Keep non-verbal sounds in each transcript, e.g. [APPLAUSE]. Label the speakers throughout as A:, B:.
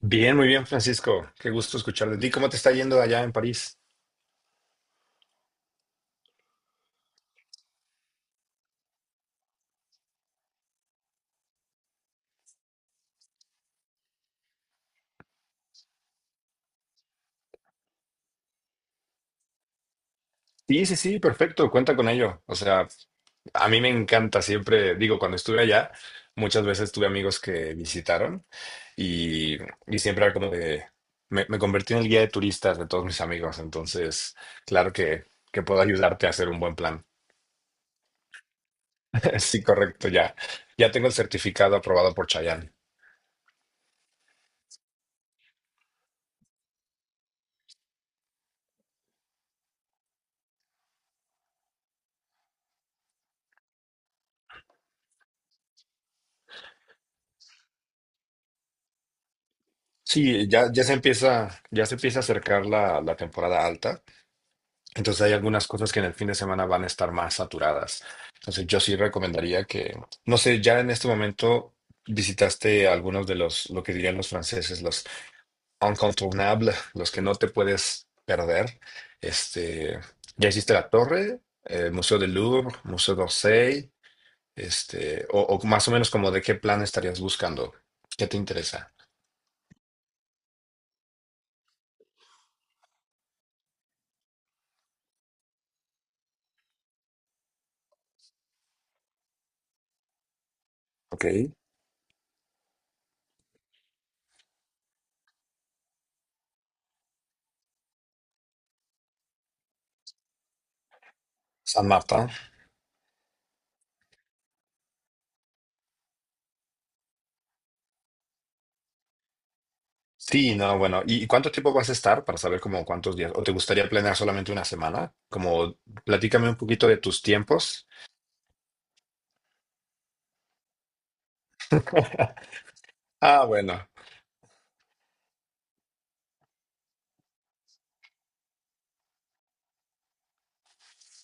A: Bien, muy bien, Francisco. Qué gusto escuchar de ti. ¿Cómo te está yendo allá en París? Sí, sí, sí, perfecto. Cuenta con ello. O sea, a mí me encanta siempre, digo, cuando estuve allá, muchas veces tuve amigos que visitaron y, y siempre era como de, me convertí en el guía de turistas de todos mis amigos. Entonces, claro que puedo ayudarte a hacer un buen plan. [LAUGHS] Sí, correcto, ya. Ya tengo el certificado aprobado por Chayanne. Sí, ya se empieza, a acercar la temporada alta. Entonces hay algunas cosas que en el fin de semana van a estar más saturadas. Entonces yo sí recomendaría que, no sé, ya en este momento visitaste algunos de lo que dirían los franceses, los incontournables, los que no te puedes perder. Este, ya hiciste la Torre, el Museo del Louvre, Museo d'Orsay, o más o menos como de qué plan estarías buscando, qué te interesa. Ok. San Martín. Sí, no, bueno. ¿Y cuánto tiempo vas a estar para saber como cuántos días? ¿O te gustaría planear solamente una semana? Como platícame un poquito de tus tiempos. Ah, bueno.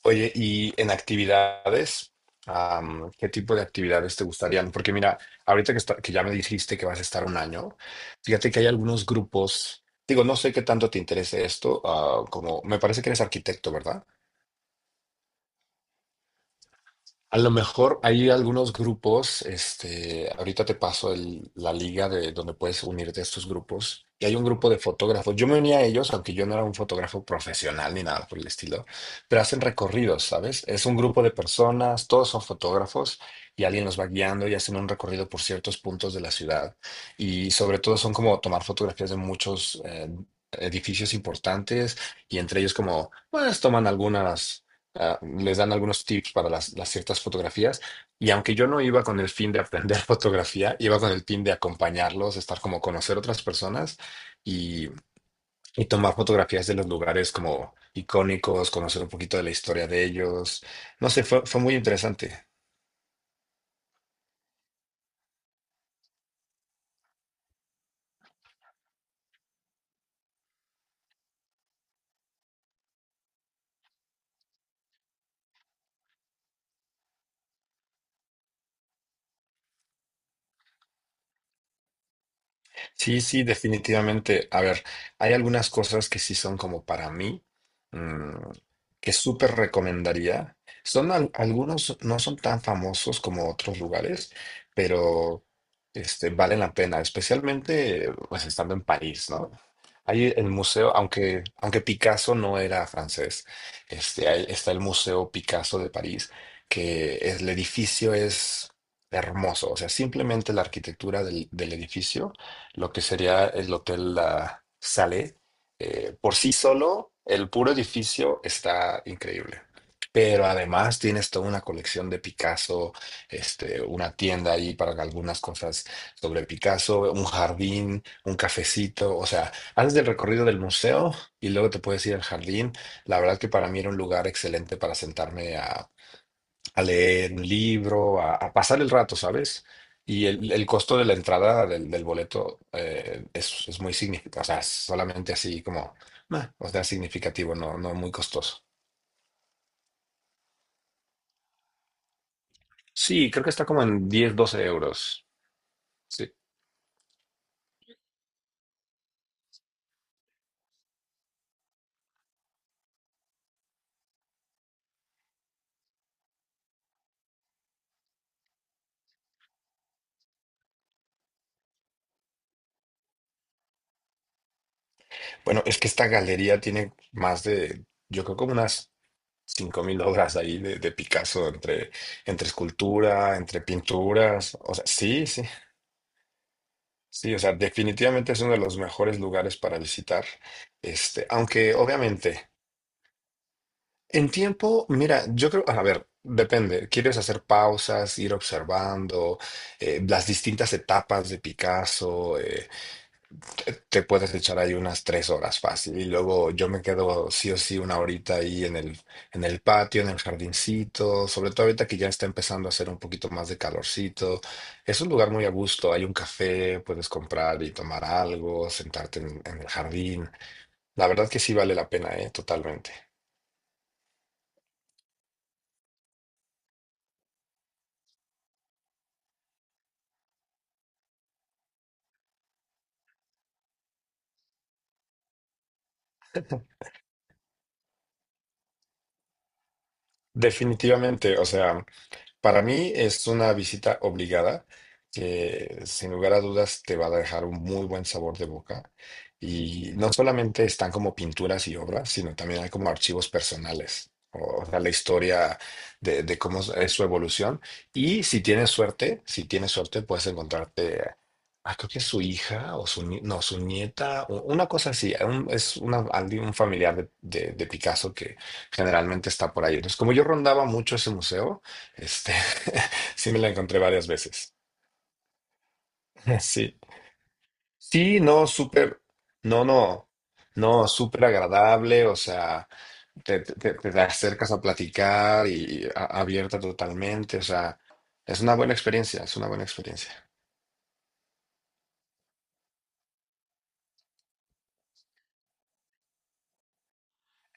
A: Oye, ¿y en actividades? ¿Qué tipo de actividades te gustarían? Porque mira, ahorita que ya me dijiste que vas a estar un año, fíjate que hay algunos grupos, digo, no sé qué tanto te interese esto, como me parece que eres arquitecto, ¿verdad? A lo mejor hay algunos grupos, ahorita te paso la liga de donde puedes unirte a estos grupos. Y hay un grupo de fotógrafos. Yo me uní a ellos, aunque yo no era un fotógrafo profesional ni nada por el estilo, pero hacen recorridos, ¿sabes? Es un grupo de personas, todos son fotógrafos y alguien los va guiando y hacen un recorrido por ciertos puntos de la ciudad. Y sobre todo son como tomar fotografías de muchos edificios importantes y entre ellos como, pues toman algunas les dan algunos tips para las ciertas fotografías. Y aunque yo no iba con el fin de aprender [LAUGHS] fotografía, iba con el fin de acompañarlos, estar como conocer otras personas y, y tomar fotografías de los lugares como icónicos, conocer un poquito de la historia de ellos. No sé, fue muy interesante. Sí, sí, definitivamente. A ver, hay algunas cosas que sí son como para mí, mm, que súper recomendaría. Son algunos, no son tan famosos como otros lugares, pero valen la pena, especialmente pues estando en París, ¿no? Hay el museo, aunque Picasso no era francés, ahí está el Museo Picasso de París, que el edificio es hermoso, o sea, simplemente la arquitectura del edificio lo que sería el Hotel La Sale. Por sí solo, el puro edificio está increíble. Pero además tienes toda una colección de Picasso, una tienda ahí para algunas cosas sobre Picasso, un jardín, un cafecito. O sea, haces el recorrido del museo y luego te puedes ir al jardín. La verdad que para mí era un lugar excelente para sentarme a leer un libro, a pasar el rato, ¿sabes? Y el costo de la entrada del boleto es muy significativo, o sea, es solamente así como, meh, o sea, significativo, no, no muy costoso. Sí, creo que está como en 10-12 euros. Sí. Bueno, es que esta galería tiene más de, yo creo como unas 5.000 obras ahí de Picasso, entre, entre escultura, entre pinturas, o sea, sí, sí. Sí, o sea, definitivamente es uno de los mejores lugares para visitar. Aunque obviamente en tiempo, mira, yo creo, a ver, depende. ¿Quieres hacer pausas, ir observando las distintas etapas de Picasso? Te puedes echar ahí unas 3 horas fácil y luego yo me quedo sí o sí una horita ahí en el patio, en el jardincito, sobre todo ahorita que ya está empezando a hacer un poquito más de calorcito. Es un lugar muy a gusto, hay un café, puedes comprar y tomar algo, sentarte en el jardín. La verdad que sí vale la pena, ¿eh? Totalmente. Definitivamente, o sea. Para mí es una visita obligada que sin lugar a dudas te va a dejar un muy buen sabor de boca. Y no solamente están como pinturas y obras, sino también hay como archivos personales, o sea, la historia de cómo es su evolución. Y si tienes suerte, si tienes suerte, puedes encontrarte, creo que es su hija o su, ni- no, su nieta, una cosa así. Es un familiar de de Picasso que generalmente está por ahí. Entonces, como yo rondaba mucho ese museo, este, [LAUGHS] sí me la encontré varias veces. [LAUGHS] Sí. Sí, no, súper, no, no, no, súper agradable, o sea, te acercas a platicar y abierta totalmente, o sea, es una buena experiencia, es una buena experiencia.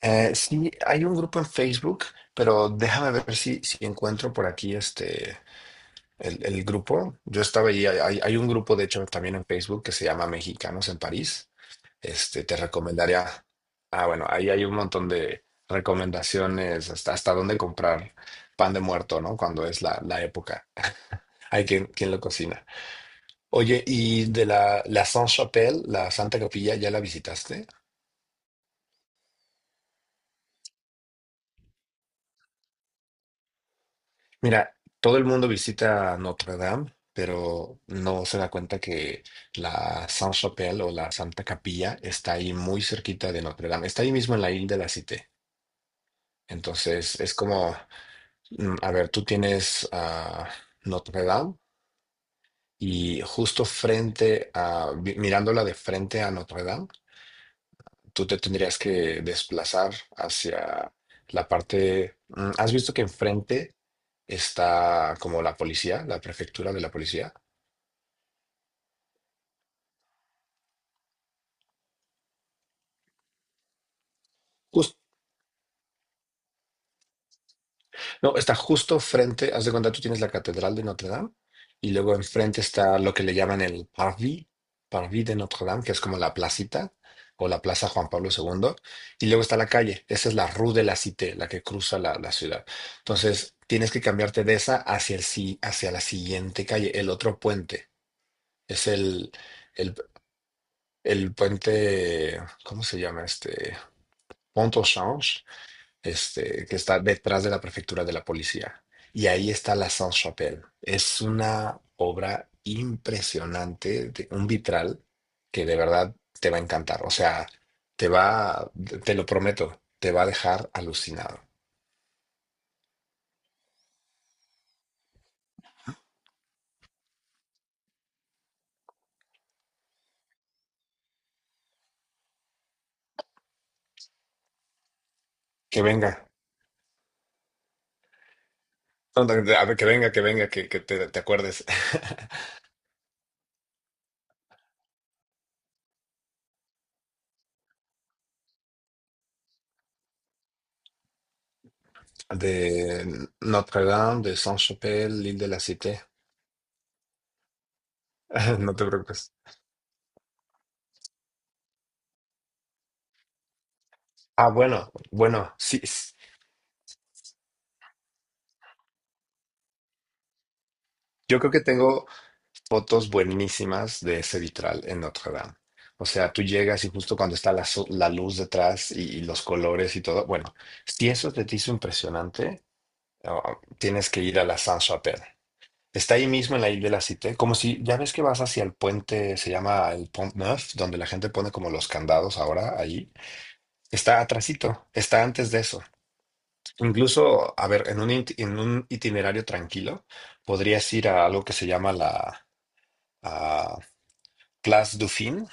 A: Sí, hay un grupo en Facebook, pero déjame ver si encuentro por aquí el grupo. Yo estaba ahí, hay un grupo, de hecho, también en Facebook que se llama Mexicanos en París. Te recomendaría. Ah, bueno, ahí hay un montón de recomendaciones hasta dónde comprar pan de muerto, ¿no? Cuando es la, la época. Hay quien lo cocina. Oye, ¿y de la Sainte-Chapelle, la Santa Capilla, ya la visitaste? Mira, todo el mundo visita Notre Dame, pero no se da cuenta que la Sainte-Chapelle o la Santa Capilla está ahí muy cerquita de Notre Dame. Está ahí mismo en la isla de la Cité. Entonces, es como. A ver, tú tienes a Notre Dame y justo frente a, mirándola de frente a Notre Dame, tú te tendrías que desplazar hacia la parte. ¿Has visto que enfrente está como la policía, la prefectura de la policía? No, está justo frente, haz de cuenta, tú tienes la Catedral de Notre Dame y luego enfrente está lo que le llaman el Parvis, Parvis de Notre Dame, que es como la placita o la Plaza Juan Pablo II, y luego está la calle, esa es la Rue de la Cité, la que cruza la ciudad. Entonces, tienes que cambiarte de esa hacia, el, hacia la siguiente calle, el otro puente, es el, el puente, ¿cómo se llama este? Pont au Change, que está detrás de la prefectura de la policía. Y ahí está la Sainte-Chapelle. Es una obra impresionante, un vitral que de verdad te va a encantar. O sea, te va, te lo prometo, te va a dejar alucinado. Que venga. No, no, a ver, que venga, que venga, que te acuerdes [LAUGHS] de Notre-Dame, de Sainte-Chapelle, l'Île de la Cité. [LAUGHS] No te preocupes. Ah, bueno, bueno, sí. Yo creo que tengo fotos buenísimas de ese vitral en Notre Dame. O sea, tú llegas y justo cuando está la luz detrás y los colores y todo, bueno, si eso te hizo impresionante, tienes que ir a la Saint-Chapelle. Está ahí mismo en la isla de la Cité, como si ya ves que vas hacia el puente, se llama el Pont Neuf, donde la gente pone como los candados ahora ahí. Está atrasito, está antes de eso. Incluso, a ver, en un, en un itinerario tranquilo, podrías ir a algo que se llama a Place Dauphine,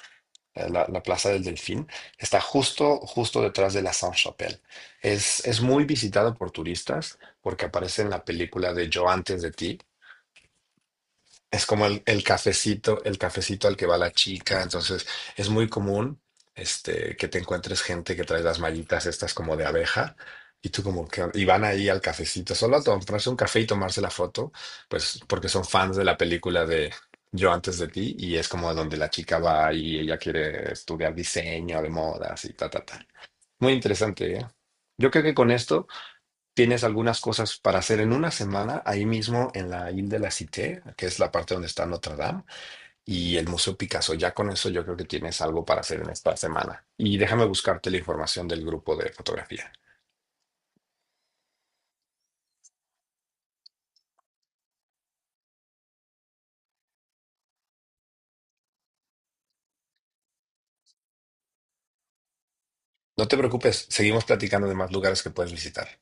A: la Plaza del Delfín, está justo, justo detrás de la Sainte-Chapelle. Es muy visitada por turistas porque aparece en la película de Yo antes de ti, es como el cafecito al que va la chica. Entonces, es muy común que te encuentres gente que trae las mallitas estas como de abeja y tú como que y van ahí al cafecito, solo a comprarse un café y tomarse la foto, pues porque son fans de la película de Yo antes de ti y es como donde la chica va y ella quiere estudiar diseño de modas y ta, ta, ta. Muy interesante, ¿eh? Yo creo que con esto tienes algunas cosas para hacer en una semana ahí mismo en la Ile de la Cité, que es la parte donde está Notre Dame, y el Museo Picasso. Ya con eso yo creo que tienes algo para hacer en esta semana. Y déjame buscarte la información del grupo de fotografía. No te preocupes, seguimos platicando de más lugares que puedes visitar.